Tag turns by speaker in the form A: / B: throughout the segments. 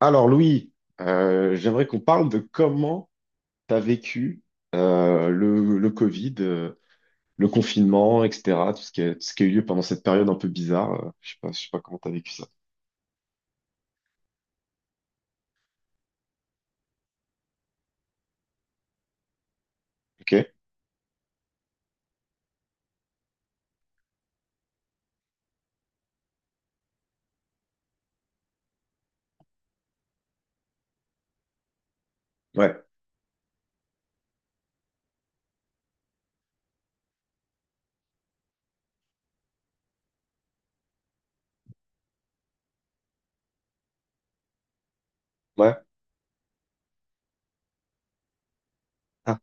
A: Alors Louis, j'aimerais qu'on parle de comment tu as vécu le Covid, le confinement, etc. Tout ce qui a, tout ce qui a eu lieu pendant cette période un peu bizarre. Je sais pas, je sais pas comment tu as vécu ça. Ok? Ouais. Ouais. Ah,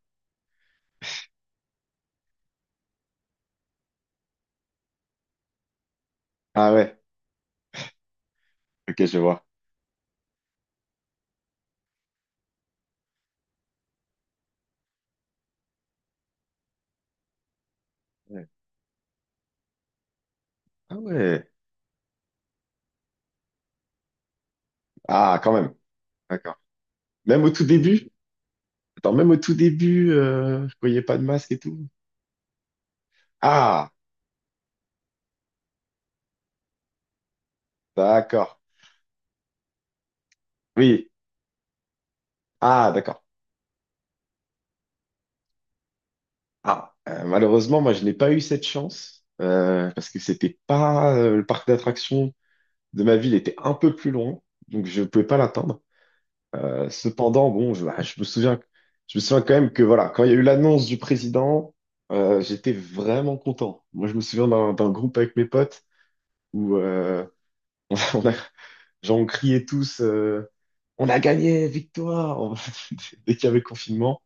A: ah ouais. Ok, je vois. Ouais. Ah ouais. Ah, quand même. D'accord. Même au tout début? Attends, même au tout début, je voyais pas de masque et tout. Ah, d'accord. Oui. Ah, d'accord. Ah, malheureusement, moi, je n'ai pas eu cette chance parce que c'était pas le parc d'attractions de ma ville était un peu plus loin, donc je ne pouvais pas l'atteindre. Cependant, bon, je, bah, je me souviens quand même que voilà, quand il y a eu l'annonce du président, j'étais vraiment content. Moi, je me souviens d'un groupe avec mes potes où on a, genre, on criait tous, on a gagné, victoire, dès qu'il y avait confinement.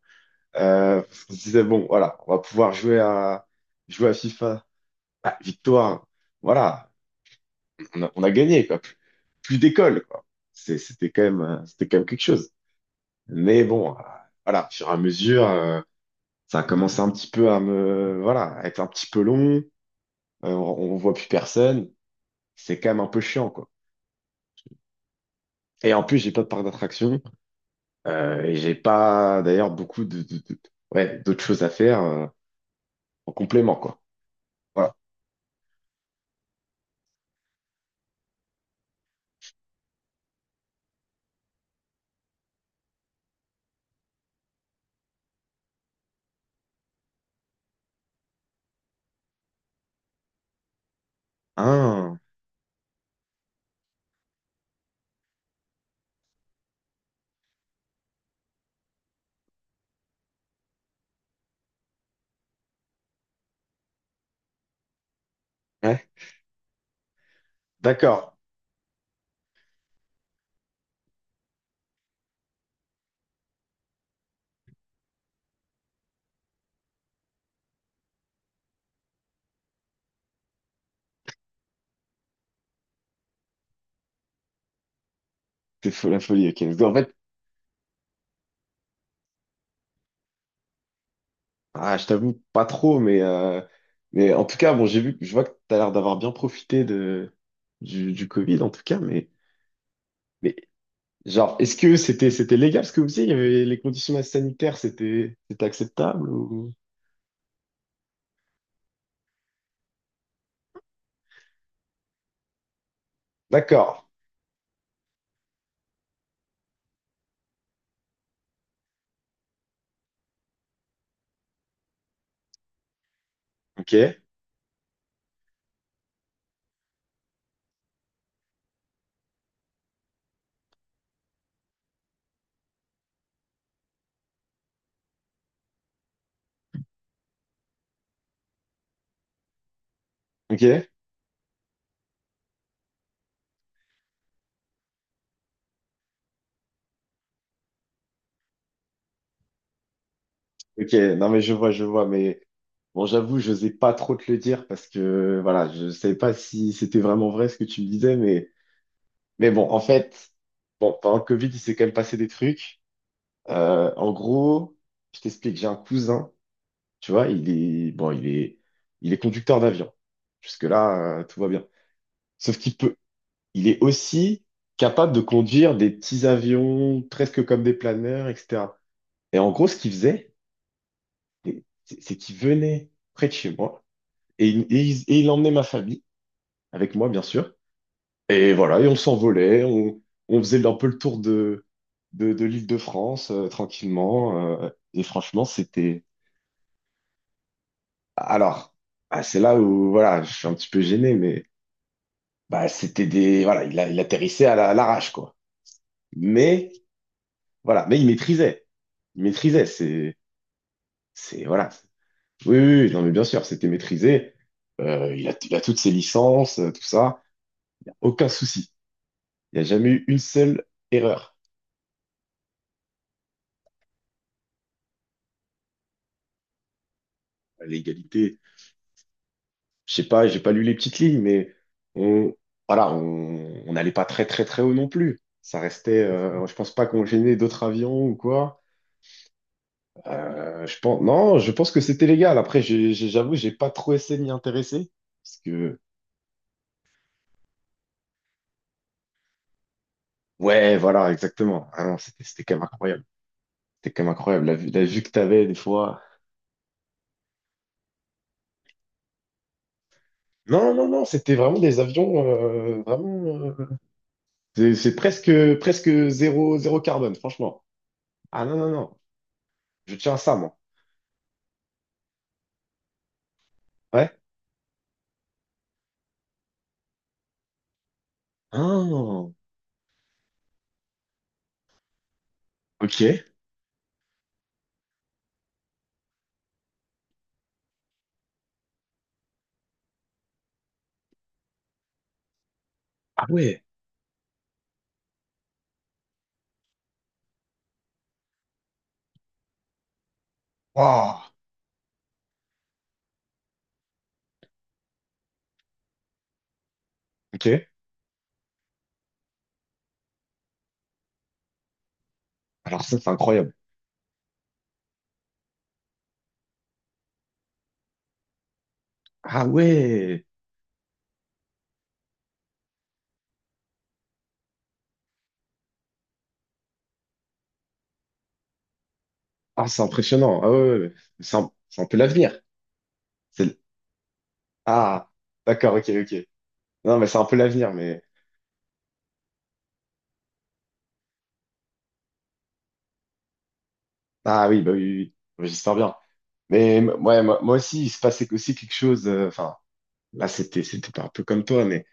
A: Euh, on se disait bon, voilà, on va pouvoir jouer à FIFA, bah, victoire, voilà, on a gagné, quoi. Plus, plus d'école, quoi. C'était quand même quelque chose. Mais bon, voilà, au fur et à mesure, ça a commencé un petit peu à me, voilà, à être un petit peu long. On voit plus personne. C'est quand même un peu chiant, quoi. Et en plus, j'ai pas de parc d'attraction. Et j'ai pas, d'ailleurs, beaucoup de, ouais, d'autres choses à faire, en complément, quoi. Voilà. Ah, ouais, d'accord. La folie, ok. Donc, en fait, ah, je t'avoue, pas trop, mais en tout cas, bon, j'ai vu, je vois que t'as l'air d'avoir bien profité de, du Covid, en tout cas, mais genre, est-ce que c'était, c'était légal ce que vous faisiez? Il y avait les conditions sanitaires, c'était, c'était acceptable ou... D'accord, ok, ok, ok, non, mais je vois, mais bon, j'avoue, je n'osais pas trop te le dire parce que, voilà, je savais pas si c'était vraiment vrai ce que tu me disais, mais bon, en fait, bon, pendant le Covid, il s'est quand même passé des trucs. En gros, je t'explique, j'ai un cousin, tu vois, il est, bon, il est conducteur d'avion. Jusque-là, tout va bien. Sauf qu'il peut, il est aussi capable de conduire des petits avions, presque comme des planeurs, etc. Et en gros, ce qu'il faisait, c'est qu'il venait près de chez moi et il, et il emmenait ma famille, avec moi, bien sûr. Et voilà, et on s'envolait, on faisait un peu le tour de l'Île-de-France, tranquillement. Et franchement, c'était... Alors, ah, c'est là où voilà, je suis un petit peu gêné, mais bah, c'était des voilà, il, il atterrissait à l'arrache quoi. Mais voilà, mais il maîtrisait, il maîtrisait. C'est voilà. Oui, oui, oui, non mais bien sûr, c'était maîtrisé. Il a toutes ses licences, tout ça, aucun souci. Il n'y a jamais eu une seule erreur. L'égalité, je sais pas, j'ai pas lu les petites lignes, mais on voilà, on n'allait pas très très très haut non plus. Ça restait, je pense pas qu'on gênait d'autres avions ou quoi. Je pense, non, je pense que c'était légal. Après, j'avoue, j'ai pas trop essayé de m'y intéresser. Parce que, ouais, voilà, exactement. Ah non, c'était c'était quand même incroyable. C'était quand même incroyable. La, la vue que t'avais, des fois. Non, non, non, c'était vraiment des avions, vraiment. euh, c'est presque, presque zéro, zéro carbone, franchement. Ah non, non, non. Je tiens à ça, moi. Ouais. Ah, ok. Ah ouais. Waouh. Ok. Alors ça, c'est incroyable. Ah ouais. Ah, c'est impressionnant. Ah ouais. Ouais, ouais. C'est un peu l'avenir. C'est ah, d'accord, ok, ok. Non, mais c'est un peu l'avenir, mais... Ah oui, bah oui, oui, oui. J'espère bien. Mais ouais, moi, moi aussi, il se passait aussi quelque chose... enfin, là, c'était c'était pas un peu comme toi, mais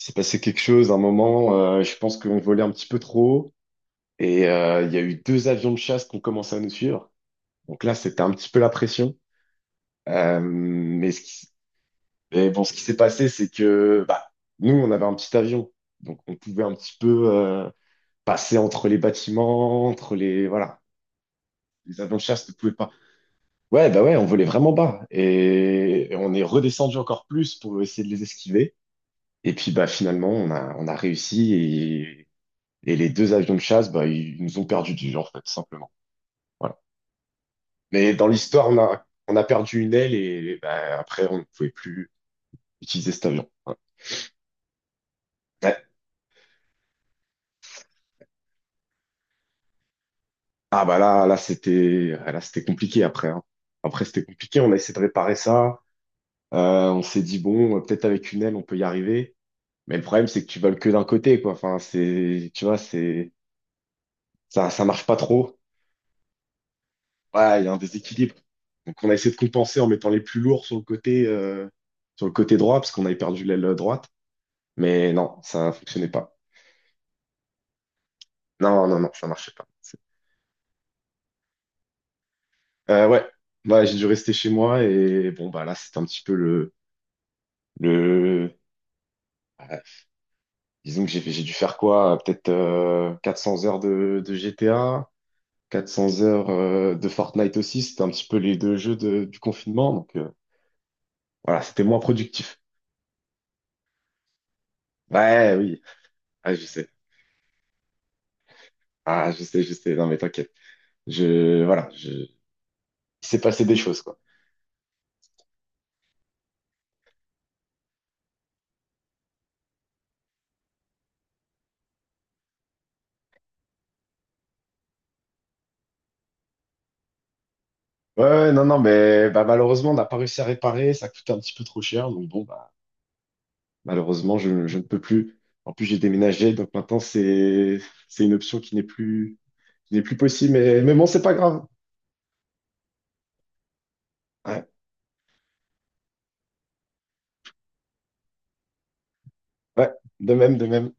A: il s'est passé quelque chose, un moment, je pense qu'on volait un petit peu trop haut, et il y a eu deux avions de chasse qui ont commencé à nous suivre. Donc là, c'était un petit peu la pression. Mais, ce qui... mais bon, ce qui s'est passé, c'est que bah, nous, on avait un petit avion, donc on pouvait un petit peu passer entre les bâtiments, entre les... Voilà. Les avions de chasse ne pouvaient pas. Ouais, bah ouais, on volait vraiment bas. Et on est redescendu encore plus pour essayer de les esquiver. Et puis bah finalement, on a réussi. Et les deux avions de chasse, bah, ils nous ont perdu du genre, en fait, simplement. Voilà. Mais dans l'histoire, on a perdu une aile et bah, après, on ne pouvait plus utiliser cet avion. Voilà. Ouais. Ah bah là, là, c'était compliqué après. Hein. Après, c'était compliqué. On a essayé de réparer ça. On s'est dit, bon, peut-être avec une aile, on peut y arriver. Mais le problème, c'est que tu voles que d'un côté, quoi. Enfin, c'est, tu vois, c'est, ça marche pas trop. Ouais, il y a un déséquilibre. Donc, on a essayé de compenser en mettant les plus lourds sur le côté droit, parce qu'on avait perdu l'aile droite. Mais non, ça fonctionnait pas. Non, non, non, ça marchait pas. C'est- ouais, ouais, j'ai dû rester chez moi et bon, bah là, c'était un petit peu le, euh, disons que j'ai dû faire quoi? Peut-être 400 heures de GTA. 400 heures de Fortnite aussi, c'était un petit peu les deux jeux du confinement, donc voilà, c'était moins productif. Ouais, oui, ah, je sais, ah, je sais, non mais t'inquiète, je, voilà, je... il s'est passé des choses, quoi. Ouais, ouais, non, non, mais bah, malheureusement, on n'a pas réussi à réparer, ça coûtait un petit peu trop cher, donc bon, bah, malheureusement, je ne peux plus. En plus, j'ai déménagé, donc maintenant, c'est une option qui n'est plus possible, mais bon, c'est pas grave. Ouais, ouais, de même, de même.